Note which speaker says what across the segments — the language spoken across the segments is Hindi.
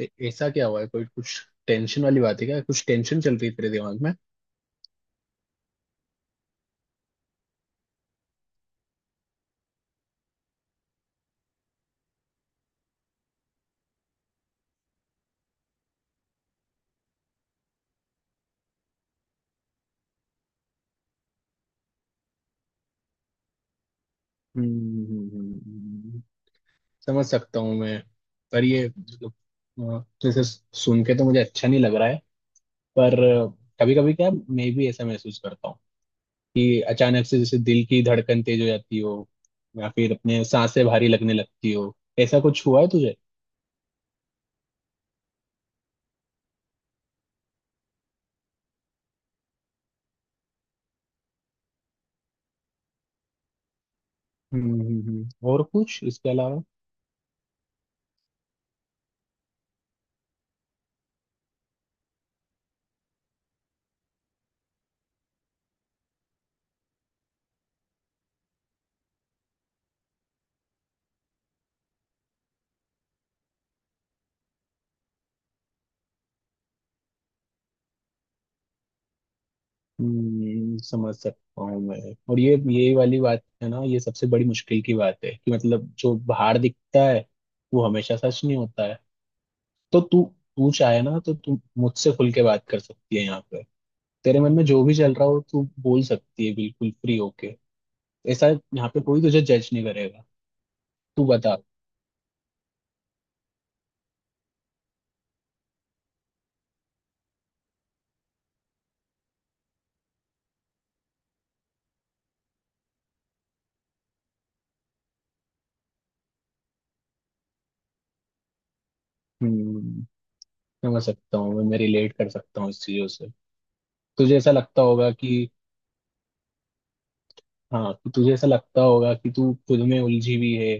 Speaker 1: ऐसा क्या हुआ है? कोई कुछ टेंशन वाली बात है क्या? कुछ टेंशन चल रही है तेरे दिमाग में? हम्म, हम्म, हम्म, समझ सकता हूँ मैं। पर ये मतलब जैसे सुन के तो मुझे अच्छा नहीं लग रहा है। पर कभी कभी क्या मैं भी ऐसा महसूस करता हूँ कि अचानक से जैसे दिल की धड़कन तेज हो जाती हो, या फिर अपने सांसें भारी लगने लगती हो? ऐसा कुछ हुआ है तुझे? हम्म, और कुछ इसके अलावा? समझ सकता हूँ मैं। और ये वाली बात है ना, ये सबसे बड़ी मुश्किल की बात है कि मतलब जो बाहर दिखता है वो हमेशा सच नहीं होता है। तो तू तू चाहे ना तो तू मुझसे खुल के बात कर सकती है यहाँ पे। तेरे मन में जो भी चल रहा हो तू बोल सकती है बिल्कुल फ्री होके। ऐसा, यहाँ पे कोई तुझे जज नहीं करेगा। तू बता। हम्म, समझ सकता हूँ मैं रिलेट कर सकता हूँ इस चीजों से। तुझे ऐसा लगता होगा कि, हाँ, कि तुझे ऐसा लगता होगा कि तू खुद में उलझी हुई है।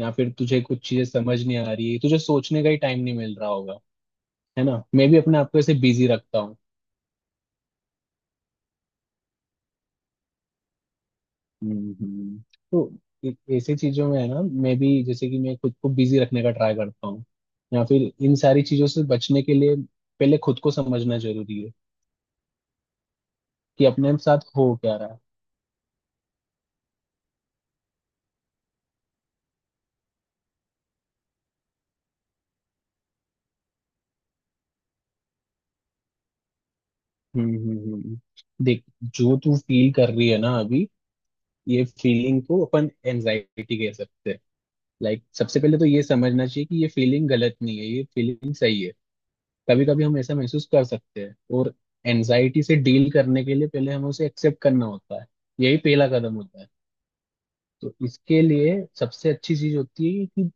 Speaker 1: या फिर तुझे कुछ चीजें समझ नहीं आ रही, तुझे सोचने का ही टाइम नहीं मिल रहा होगा। है ना, मैं भी अपने आप को ऐसे बिजी रखता हूँ। हम्म, तो ऐसी चीजों में है ना, मैं भी जैसे कि मैं खुद को बिजी रखने का ट्राई करता हूँ। या फिर इन सारी चीजों से बचने के लिए पहले खुद को समझना जरूरी है कि अपने साथ हो क्या रहा है। हम्म, देख, जो तू फील कर रही है ना अभी, ये फीलिंग को अपन एनजाइटी कह सकते हैं। लाइक सबसे पहले तो ये समझना चाहिए कि ये फीलिंग गलत नहीं है, ये फीलिंग सही है। कभी कभी हम ऐसा महसूस कर सकते हैं। और एनजाइटी से डील करने के लिए पहले हमें उसे एक्सेप्ट करना होता है। यही पहला कदम होता है। तो इसके लिए सबसे अच्छी चीज होती है कि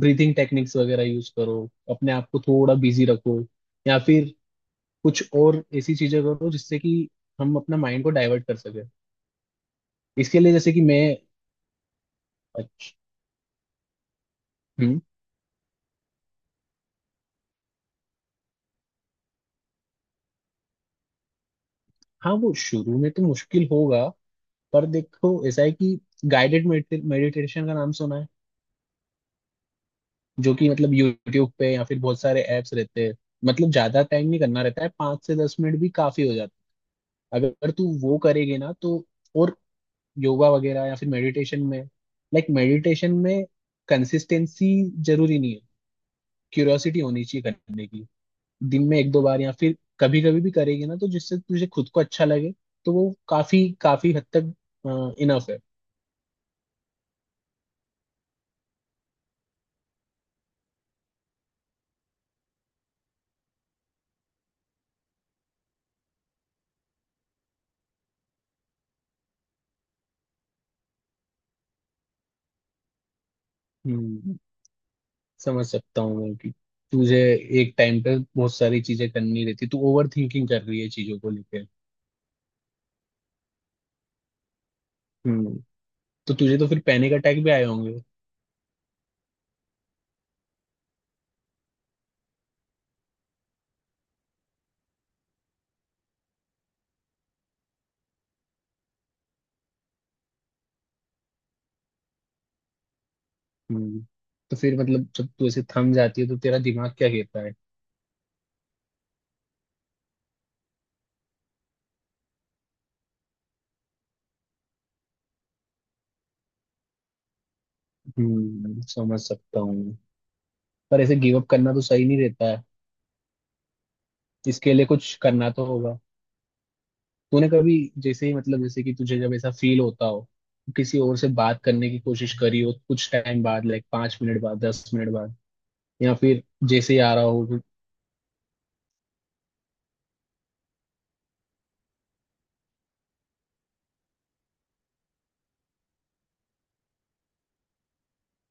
Speaker 1: ब्रीदिंग टेक्निक्स वगैरह यूज करो, अपने आप को थोड़ा बिजी रखो, या फिर कुछ और ऐसी चीजें करो जिससे कि हम अपना माइंड को डाइवर्ट कर सके। इसके लिए जैसे कि मैं, अच्छा, हम्म, हाँ, वो शुरू में तो मुश्किल होगा। पर देखो ऐसा है कि गाइडेड मेडिटेशन का नाम सुना है? जो कि मतलब यूट्यूब पे या फिर बहुत सारे ऐप्स रहते हैं। मतलब ज्यादा टाइम नहीं करना रहता है, 5 से 10 मिनट भी काफी हो जाता है अगर तू वो करेगी ना तो। और योगा वगैरह या फिर मेडिटेशन में, लाइक मेडिटेशन में कंसिस्टेंसी जरूरी नहीं है। क्यूरियोसिटी होनी चाहिए करने की। दिन में एक दो बार या फिर कभी कभी भी करेगी ना तो, जिससे तुझे खुद को अच्छा लगे तो वो काफी काफी हद तक इनफ है। हम्म, समझ सकता हूँ मैं कि तुझे एक टाइम पे बहुत सारी चीजें करनी रहती, तू ओवर थिंकिंग कर रही है चीजों को लेकर। हम्म। तो तुझे तो फिर पैनिक अटैक भी आए होंगे। हम्म। तो फिर मतलब जब तू ऐसे थम जाती है तो तेरा दिमाग क्या कहता है? हम्म, समझ सकता हूँ मैं। पर ऐसे गिव अप करना तो सही नहीं रहता है। इसके लिए कुछ करना तो होगा। तूने कभी, जैसे ही मतलब जैसे कि तुझे जब ऐसा फील होता हो, किसी और से बात करने की कोशिश करी हो कुछ टाइम बाद, लाइक 5 मिनट बाद, 10 मिनट बाद, या फिर जैसे ही आ रहा हो?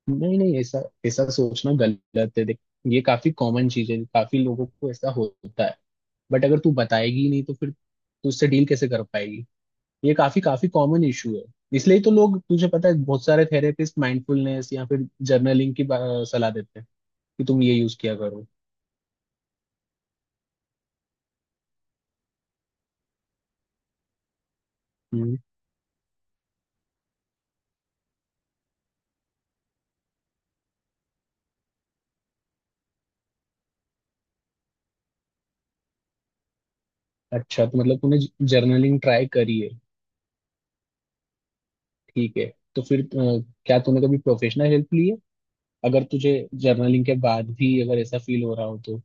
Speaker 1: नहीं, नहीं, ऐसा ऐसा सोचना गलत है, देख। ये काफी कॉमन चीज है, काफी लोगों को ऐसा होता है। बट अगर तू बताएगी ही नहीं तो फिर तू उससे डील कैसे कर पाएगी? ये काफी काफी कॉमन इशू है। इसलिए तो लोग, तुझे पता है, बहुत सारे थेरेपिस्ट माइंडफुलनेस या फिर जर्नलिंग की सलाह देते हैं कि तुम ये यूज किया करो। हम्म। अच्छा, तो मतलब तूने जर्नलिंग ट्राई करी है। ठीक है। तो फिर क्या तूने कभी प्रोफेशनल हेल्प ली है, अगर तुझे जर्नलिंग के बाद भी अगर ऐसा फील हो रहा हो तो।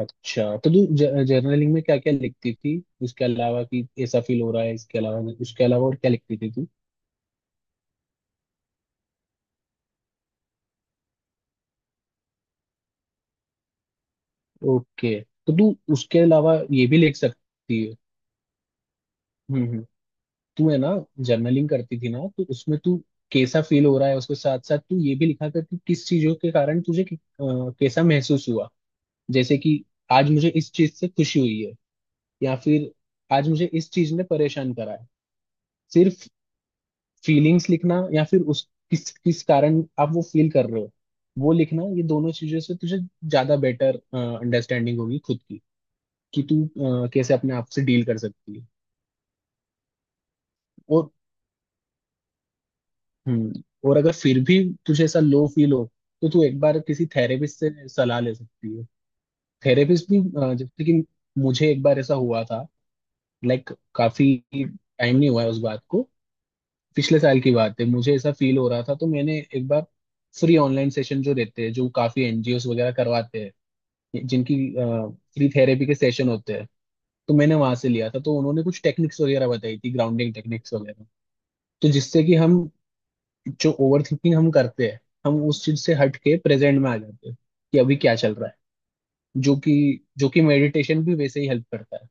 Speaker 1: अच्छा, तो तू जर्नलिंग में क्या क्या लिखती थी इसके अलावा कि ऐसा फील हो रहा है? इसके अलावा, उसके अलावा और क्या लिखती थी तू? ओके। तो तू उसके अलावा ये भी लिख सकती है। हम्म, तू है ना जर्नलिंग करती थी ना, तो उसमें तू कैसा फील हो रहा है उसके साथ साथ तू ये भी लिखा कर कि किस चीजों के कारण तुझे कैसा महसूस हुआ। जैसे कि आज मुझे इस चीज से खुशी हुई है, या फिर आज मुझे इस चीज ने परेशान करा है। सिर्फ फीलिंग्स लिखना या फिर उस, किस किस कारण आप वो फील कर रहे हो वो लिखना, ये दोनों चीजों से तुझे ज्यादा बेटर अंडरस्टैंडिंग होगी खुद की, कि तू कैसे अपने आप से डील कर सकती है। और, हम्म, और अगर फिर भी तुझे ऐसा लो फील हो, तो तू एक बार किसी थेरेपिस्ट से सलाह ले सकती है। थेरेपिस्ट भी जैसे कि मुझे एक बार ऐसा हुआ था, लाइक काफी टाइम नहीं हुआ है उस बात को। पिछले साल की बात है, मुझे ऐसा फील हो रहा था तो मैंने एक बार फ्री ऑनलाइन सेशन, जो रहते हैं जो काफी एनजीओस वगैरह करवाते हैं, जिनकी फ्री थेरेपी के सेशन होते हैं। तो मैंने वहां से लिया था, तो उन्होंने कुछ टेक्निक्स वगैरह बताई थी, ग्राउंडिंग टेक्निक्स वगैरह। तो जिससे कि हम, जो ओवर थिंकिंग हम करते हैं, हम उस चीज से हट के प्रेजेंट में आ जाते हैं कि अभी क्या चल रहा है। जो कि जो कि मेडिटेशन भी वैसे ही हेल्प करता है।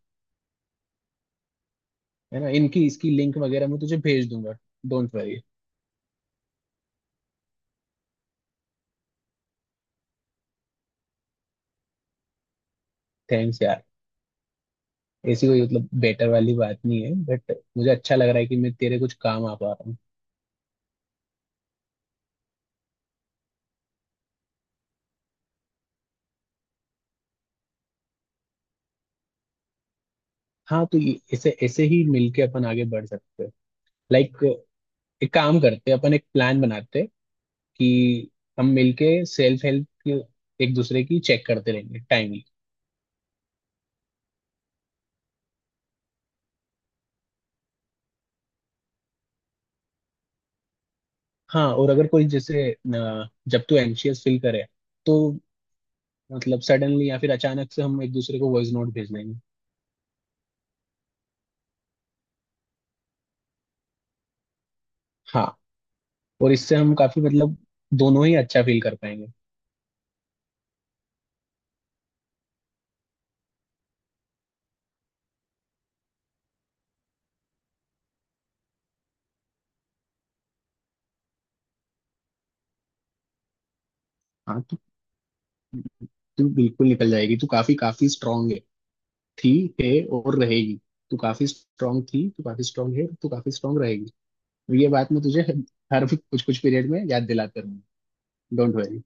Speaker 1: है ना। इनकी, इसकी लिंक वगैरह मैं तुझे भेज दूंगा। Don't worry. थैंक्स यार। ऐसी कोई मतलब बेटर वाली बात नहीं है, बट मुझे अच्छा लग रहा है कि मैं तेरे कुछ काम आ पा रहा हूँ। हाँ तो ऐसे ऐसे ही मिलके अपन आगे बढ़ सकते हैं, लाइक। एक काम करते हैं, अपन एक प्लान बनाते हैं कि हम मिलके सेल्फ हेल्प की, एक दूसरे की चेक करते रहेंगे टाइमली। हाँ। और अगर कोई जैसे, जब तू एंशियस फील करे तो मतलब सडनली या फिर अचानक से हम एक दूसरे को वॉइस नोट भेज देंगे। हाँ। और इससे हम काफी मतलब, दोनों ही अच्छा फील कर पाएंगे। हाँ। तू बिल्कुल निकल जाएगी। तू काफी काफी स्ट्रांग है, थी, है, और रहेगी। तू काफी स्ट्रांग थी, तू काफी स्ट्रांग है, तू काफी स्ट्रांग रहेगी। ये बात मैं तुझे हर कुछ कुछ पीरियड में याद दिलाता रहूंगा। Don't worry.